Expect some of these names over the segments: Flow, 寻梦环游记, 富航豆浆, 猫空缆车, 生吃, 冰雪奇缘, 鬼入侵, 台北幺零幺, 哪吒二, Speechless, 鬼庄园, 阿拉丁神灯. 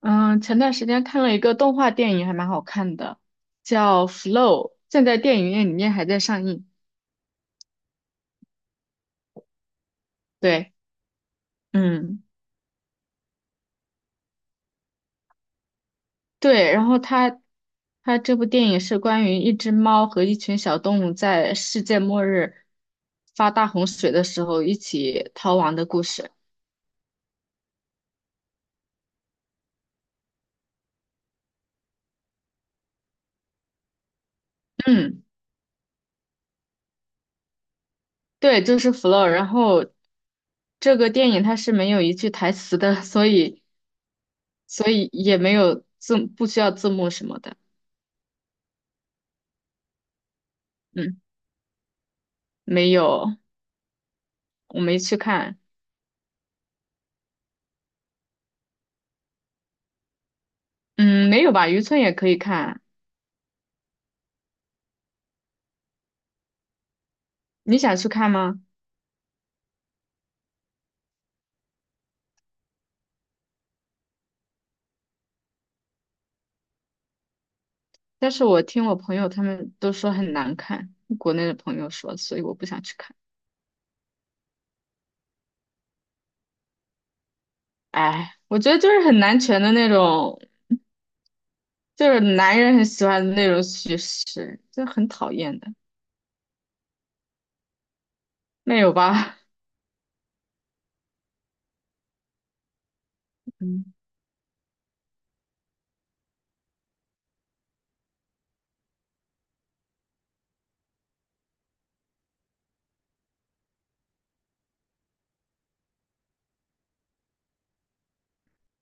嗯，前段时间看了一个动画电影，还蛮好看的，叫《Flow》，现在电影院里面还在上映。对，嗯，对，然后它这部电影是关于一只猫和一群小动物在世界末日发大洪水的时候一起逃亡的故事。嗯，对，就是《Flow》，然后这个电影它是没有一句台词的，所以也没有字，不需要字幕什么的。嗯，没有。我没去看，嗯，没有吧？渔村也可以看，你想去看吗？但是我听我朋友他们都说很难看，国内的朋友说，所以我不想去看。哎，我觉得就是很男权的那种，就是男人很喜欢的那种叙事，就很讨厌的，没有吧？嗯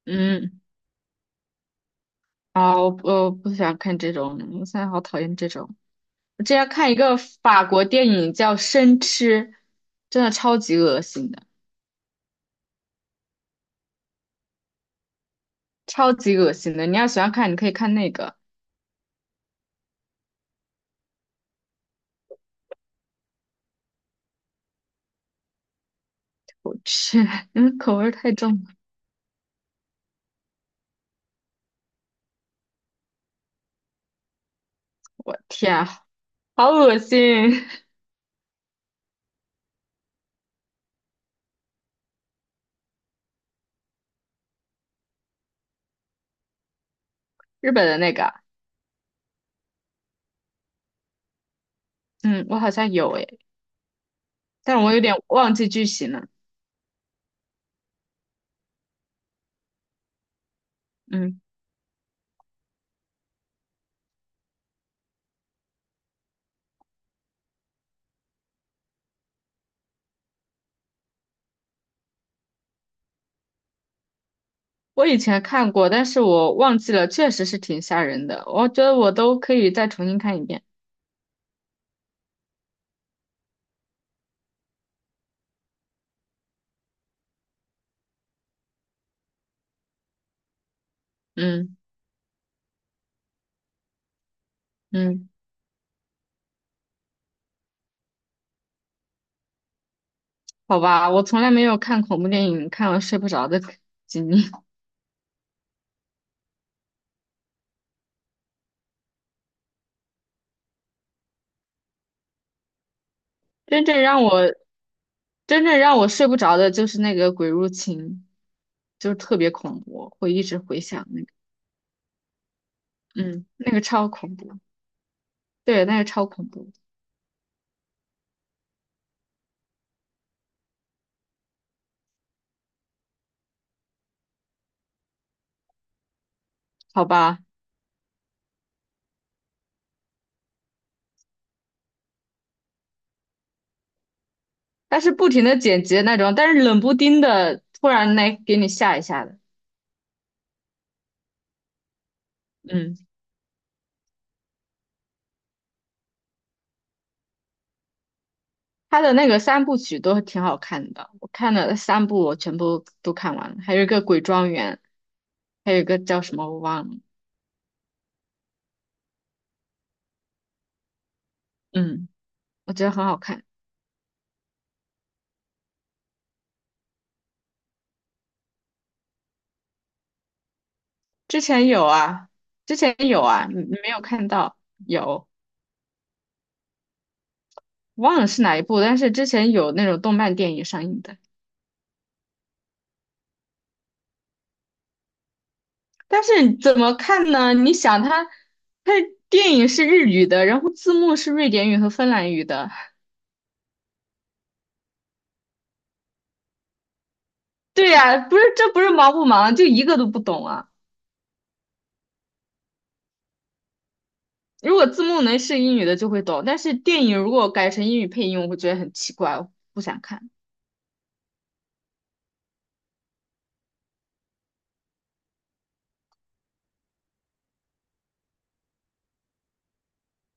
嗯，啊，我不想看这种，我现在好讨厌这种。我之前看一个法国电影叫《生吃》，真的超级恶心的，超级恶心的。你要喜欢看，你可以看那个。我去，因为口味儿太重了。我天啊，好恶心！日本的那个啊，嗯，我好像有诶，但我有点忘记剧情了。嗯，我以前看过，但是我忘记了，确实是挺吓人的。我觉得我都可以再重新看一遍。嗯嗯，好吧，我从来没有看恐怖电影看了睡不着的 经历。真正让我真正让我睡不着的就是那个《鬼入侵》，就是特别恐怖，会一直回想那个，嗯，那个超恐怖。对，那个超恐怖，好吧？但是不停的剪辑那种，但是冷不丁的突然来给你吓一吓的，嗯，他的那个三部曲都挺好看的，我看了三部，我全部都看完了，还有一个《鬼庄园》，还有一个叫什么我忘了，嗯，我觉得很好看。之前有啊，之前有啊，你没有看到，有，忘了是哪一部，但是之前有那种动漫电影上映的。但是怎么看呢？你想它，它电影是日语的，然后字幕是瑞典语和芬兰语的。对呀，不是，这不是忙不忙，就一个都不懂啊。如果字幕能是英语的就会懂，但是电影如果改成英语配音，我会觉得很奇怪，我不想看。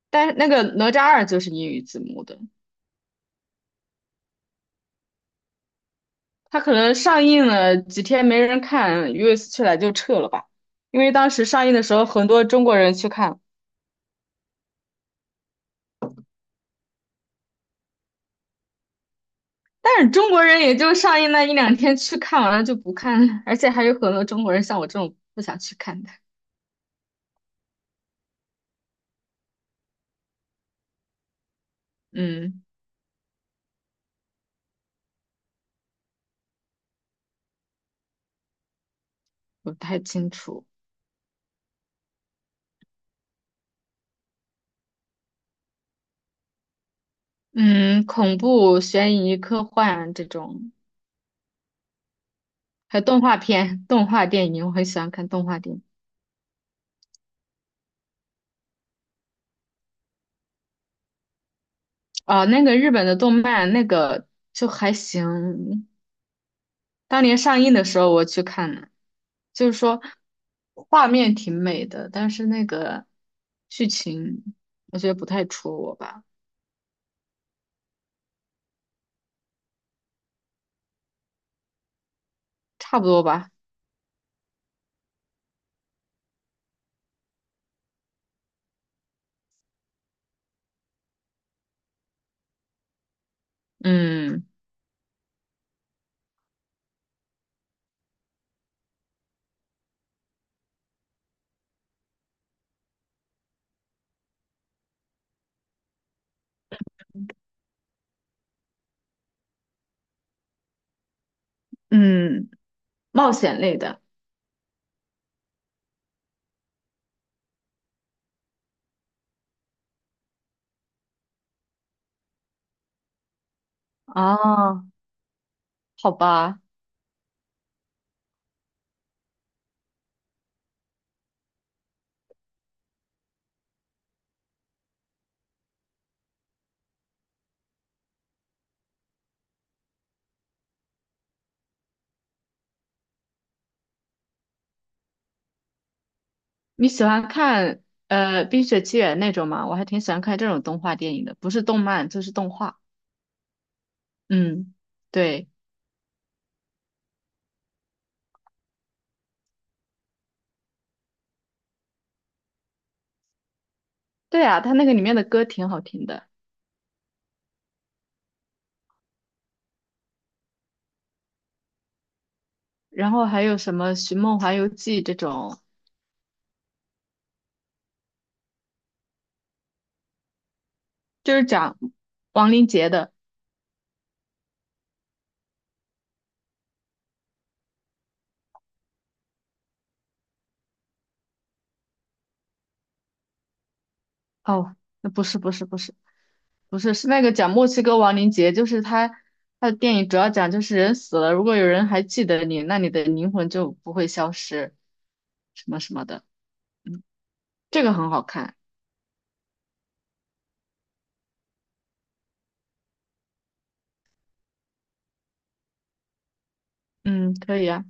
但是那个哪吒二就是英语字幕的，它可能上映了几天没人看，US 去来就撤了吧，因为当时上映的时候很多中国人去看。但是中国人也就上映那一两天去看完了就不看了，而且还有很多中国人像我这种不想去看的。嗯，我不太清楚。嗯，恐怖、悬疑、科幻这种，还有动画片、动画电影，我很喜欢看动画电影。哦，那个日本的动漫，那个就还行。当年上映的时候我去看了，就是说画面挺美的，但是那个剧情我觉得不太戳我吧，差不多吧。嗯嗯，冒险类的哦，好吧，你喜欢看《冰雪奇缘》那种吗？我还挺喜欢看这种动画电影的，不是动漫就是动画。嗯，对对啊，它那个里面的歌挺好听的，然后还有什么《寻梦环游记》这种，就是讲王林杰的。哦，那不是不是不是。不是，是那个讲墨西哥亡灵节，就是他的电影主要讲就是人死了，如果有人还记得你，那你的灵魂就不会消失，什么什么的，这个很好看。嗯，可以啊。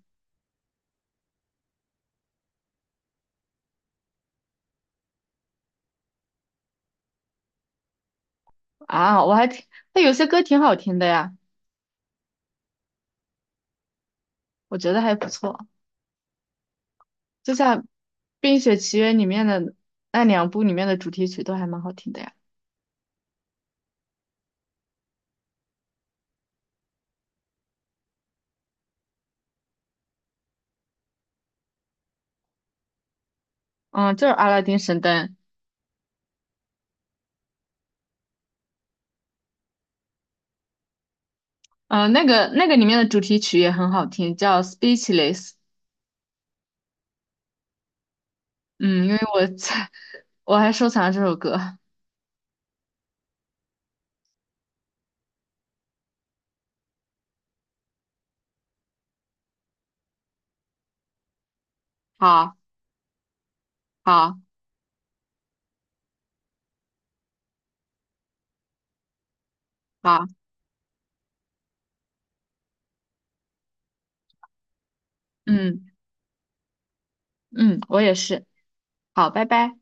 啊，我还听他有些歌挺好听的呀，我觉得还不错，就像《冰雪奇缘》里面的那两部里面的主题曲都还蛮好听的呀。嗯，就是《阿拉丁神灯》，嗯，那个里面的主题曲也很好听，叫《Speechless》。嗯，因为我在 我还收藏了这首歌。好。好，好，嗯嗯，我也是，好，拜拜。